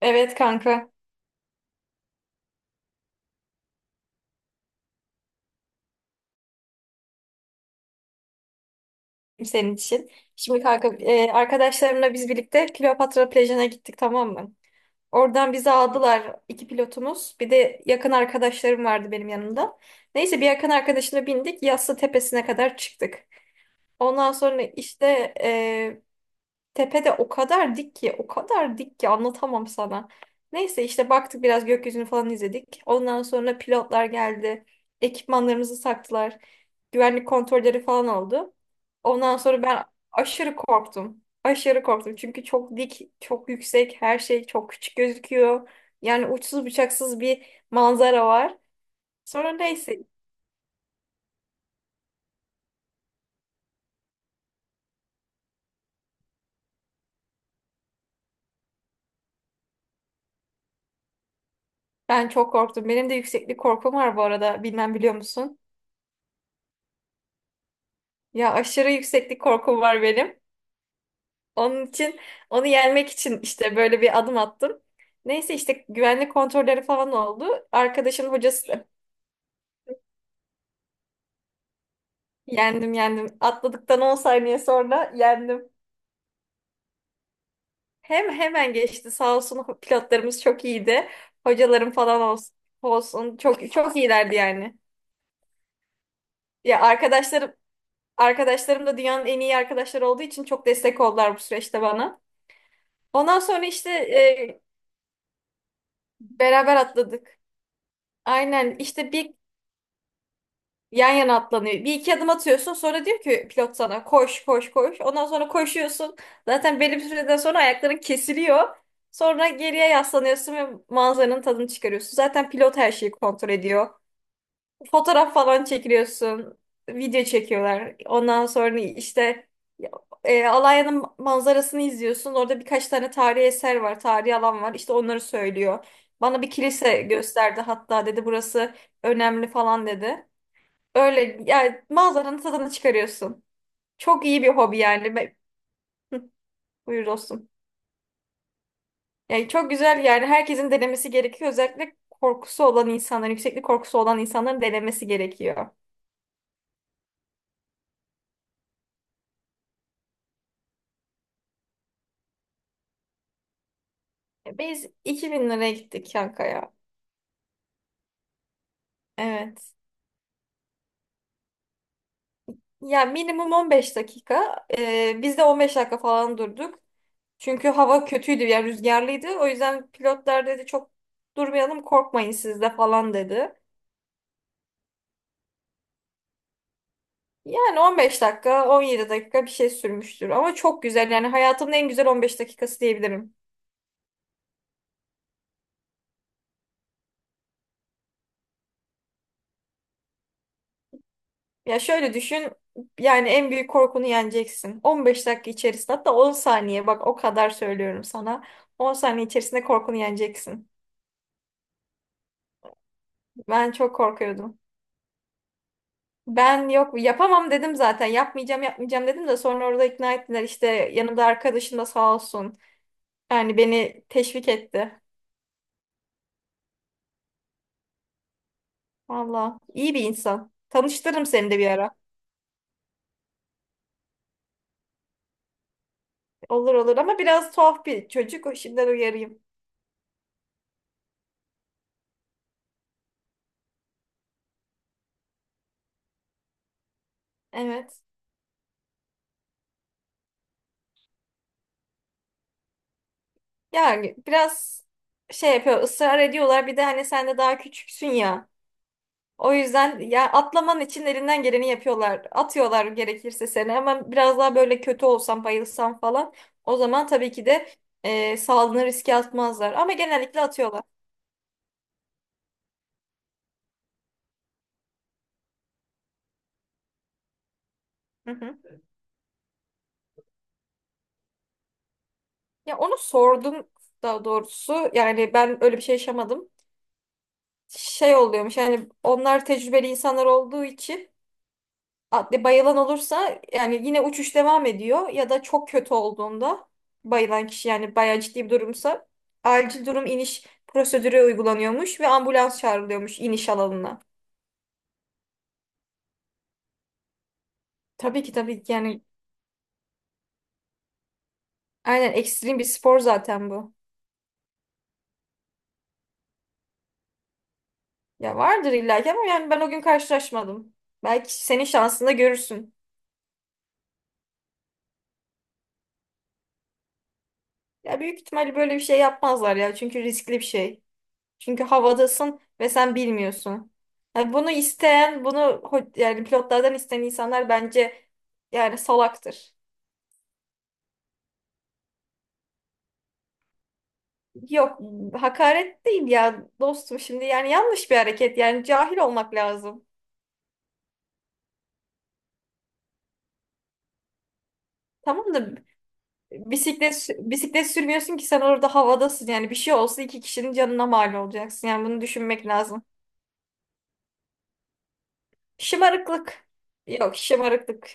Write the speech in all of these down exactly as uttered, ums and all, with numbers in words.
Evet kanka senin için. Şimdi kanka e, arkadaşlarımla biz birlikte Kleopatra plajına gittik, tamam mı? Oradan bizi aldılar, iki pilotumuz. Bir de yakın arkadaşlarım vardı benim yanımda. Neyse, bir yakın arkadaşına bindik. Yassı tepesine kadar çıktık. Ondan sonra işte e, tepede o kadar dik ki, o kadar dik ki anlatamam sana. Neyse işte baktık, biraz gökyüzünü falan izledik. Ondan sonra pilotlar geldi. Ekipmanlarımızı taktılar. Güvenlik kontrolleri falan oldu. Ondan sonra ben aşırı korktum. Aşırı korktum. Çünkü çok dik, çok yüksek, her şey çok küçük gözüküyor. Yani uçsuz bucaksız bir manzara var. Sonra neyse ben çok korktum. Benim de yükseklik korkum var bu arada. Bilmem, biliyor musun? Ya aşırı yükseklik korkum var benim. Onun için onu yenmek için işte böyle bir adım attım. Neyse işte güvenlik kontrolleri falan oldu. Arkadaşın hocası yendim, yendim. Atladıktan on saniye sonra yendim. Hem hemen geçti, sağ olsun pilotlarımız çok iyiydi. Hocalarım falan olsun, olsun çok çok iyilerdi yani. Ya arkadaşlarım arkadaşlarım da dünyanın en iyi arkadaşları olduğu için çok destek oldular bu süreçte bana. Ondan sonra işte e, beraber atladık. Aynen işte bir yan yana atlanıyor. Bir iki adım atıyorsun, sonra diyor ki pilot sana koş koş koş. Ondan sonra koşuyorsun. Zaten belli bir süreden sonra ayakların kesiliyor. Sonra geriye yaslanıyorsun ve manzaranın tadını çıkarıyorsun. Zaten pilot her şeyi kontrol ediyor. Fotoğraf falan çekiliyorsun. Video çekiyorlar. Ondan sonra işte e, Alanya'nın manzarasını izliyorsun. Orada birkaç tane tarihi eser var, tarihi alan var. İşte onları söylüyor. Bana bir kilise gösterdi, hatta dedi burası önemli falan dedi. Öyle yani, manzaranın tadını çıkarıyorsun. Çok iyi bir hobi yani. Be- Hı, buyur dostum. Yani çok güzel, yani herkesin denemesi gerekiyor. Özellikle korkusu olan insanların, yükseklik korkusu olan insanların denemesi gerekiyor. Biz iki bin liraya gittik Yankaya. Evet. Ya minimum on beş dakika. E, biz de on beş dakika falan durduk. Çünkü hava kötüydü, yani rüzgarlıydı. O yüzden pilotlar dedi çok durmayalım, korkmayın siz de falan dedi. Yani on beş dakika, on yedi dakika bir şey sürmüştür. Ama çok güzel. Yani hayatımın en güzel on beş dakikası diyebilirim. Ya şöyle düşün. Yani en büyük korkunu yeneceksin. on beş dakika içerisinde, hatta on saniye, bak o kadar söylüyorum sana. on saniye içerisinde korkunu yeneceksin. Ben çok korkuyordum. Ben yok, yapamam dedim zaten. Yapmayacağım, yapmayacağım dedim de sonra orada ikna ettiler. İşte yanımda arkadaşım da sağ olsun. Yani beni teşvik etti. Valla iyi bir insan. Tanıştırırım seni de bir ara. Olur olur, ama biraz tuhaf bir çocuk. O şimdiden uyarayım. Evet. Yani biraz şey yapıyor, ısrar ediyorlar. Bir de hani sen de daha küçüksün ya. O yüzden ya atlaman için elinden geleni yapıyorlar. Atıyorlar gerekirse seni, ama biraz daha böyle kötü olsam, bayılsam falan. O zaman tabii ki de e, sağlığını riske atmazlar. Ama genellikle atıyorlar. Hı hı. Ya onu sordum daha doğrusu. Yani ben öyle bir şey yaşamadım. Şey oluyormuş, yani onlar tecrübeli insanlar olduğu için adli bayılan olursa yani yine uçuş devam ediyor, ya da çok kötü olduğunda bayılan kişi, yani bayağı ciddi bir durumsa, acil durum iniş prosedürü uygulanıyormuş ve ambulans çağrılıyormuş iniş alanına. Tabii ki, tabii ki yani, aynen ekstrem bir spor zaten bu. Ya vardır illa ki, ama yani ben o gün karşılaşmadım. Belki senin şansında görürsün. Ya büyük ihtimalle böyle bir şey yapmazlar ya, çünkü riskli bir şey. Çünkü havadasın ve sen bilmiyorsun. Yani bunu isteyen, bunu ho- yani pilotlardan isteyen insanlar bence yani salaktır. Yok, hakaret değil ya dostum, şimdi yani yanlış bir hareket, yani cahil olmak lazım. Tamam da bisiklet bisiklet sürmüyorsun ki, sen orada havadasın, yani bir şey olsa iki kişinin canına mal olacaksın, yani bunu düşünmek lazım. Şımarıklık. Yok şımarıklık.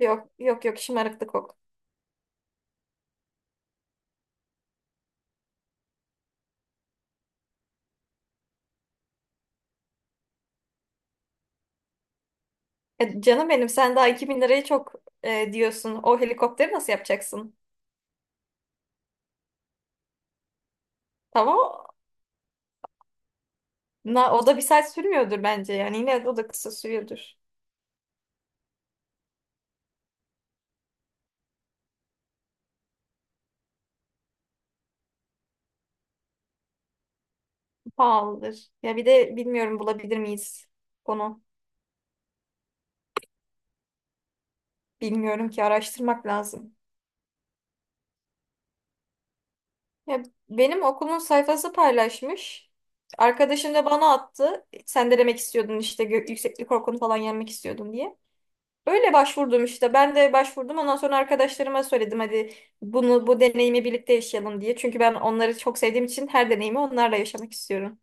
Yok yok yok, şımarıklık yok. E, canım benim, sen daha iki bin lirayı çok e, diyorsun. O helikopteri nasıl yapacaksın? Tamam. Na, o da bir saat sürmüyordur bence. Yani yine de o da kısa sürüyordur. Pahalıdır. Ya bir de bilmiyorum, bulabilir miyiz onu. Bilmiyorum ki, araştırmak lazım. Ya benim okulun sayfası paylaşmış. Arkadaşım da bana attı. Sen de demek istiyordun işte gö- yükseklik korkunu falan yenmek istiyordun diye. Öyle başvurdum işte. Ben de başvurdum. Ondan sonra arkadaşlarıma söyledim, hadi bunu bu deneyimi birlikte yaşayalım diye. Çünkü ben onları çok sevdiğim için her deneyimi onlarla yaşamak istiyorum.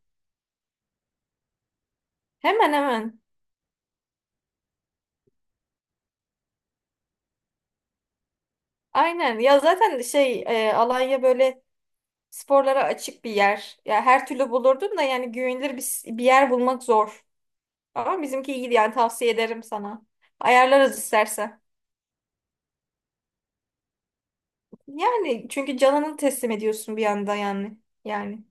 Hemen hemen. Aynen. Ya zaten şey e, Alanya böyle sporlara açık bir yer. Ya her türlü bulurdun da, yani güvenilir bir, bir yer bulmak zor. Ama bizimki iyiydi, yani tavsiye ederim sana. Ayarlarız istersen. Yani çünkü canını teslim ediyorsun bir anda yani. Yani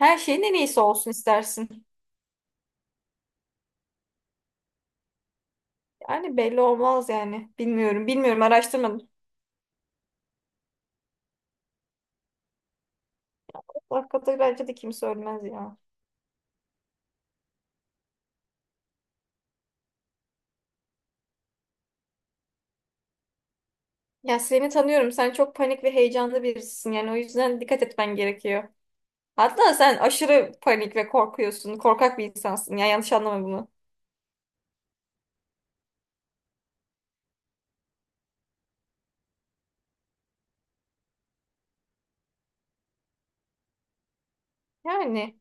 her şeyin en iyisi olsun istersin. Yani belli olmaz yani. Bilmiyorum. Bilmiyorum. Araştırmadım. Hakikaten bence de kimse ölmez ya. Ya seni tanıyorum. Sen çok panik ve heyecanlı birisisin. Yani o yüzden dikkat etmen gerekiyor. Hatta sen aşırı panik ve korkuyorsun. Korkak bir insansın. Ya yanlış anlama bunu. Yani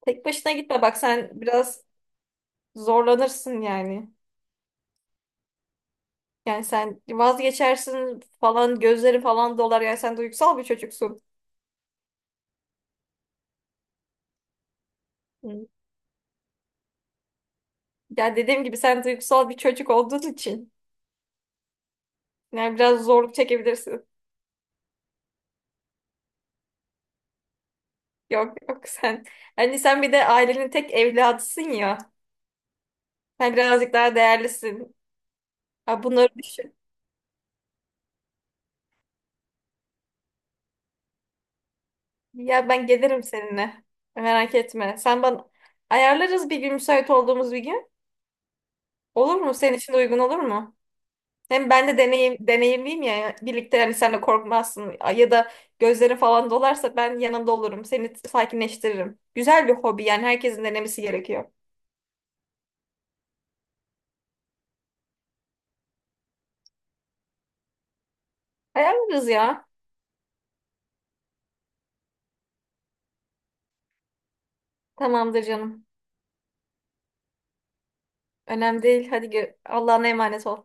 tek başına gitme. Bak, sen biraz zorlanırsın yani. Yani sen vazgeçersin falan, gözlerin falan dolar. Yani sen duygusal bir çocuksun. Hı. Ya dediğim gibi sen duygusal bir çocuk olduğun için. Yani biraz zorluk çekebilirsin. Yok yok sen. Hani sen bir de ailenin tek evladısın ya. Sen birazcık daha değerlisin. Ha, bunları düşün. Ya ben gelirim seninle. Merak etme. Sen bana ayarlarız bir gün, müsait olduğumuz bir gün. Olur mu? Senin için de uygun olur mu? Hem ben de deneyim, deneyimliyim ya. Birlikte, hani sen de korkmazsın. Ya da gözlerin falan dolarsa ben yanında olurum. Seni sakinleştiririm. Güzel bir hobi, yani herkesin denemesi gerekiyor. Ayarlarız ya. Tamamdır canım. Önemli değil. Hadi gö- Allah'ına emanet ol.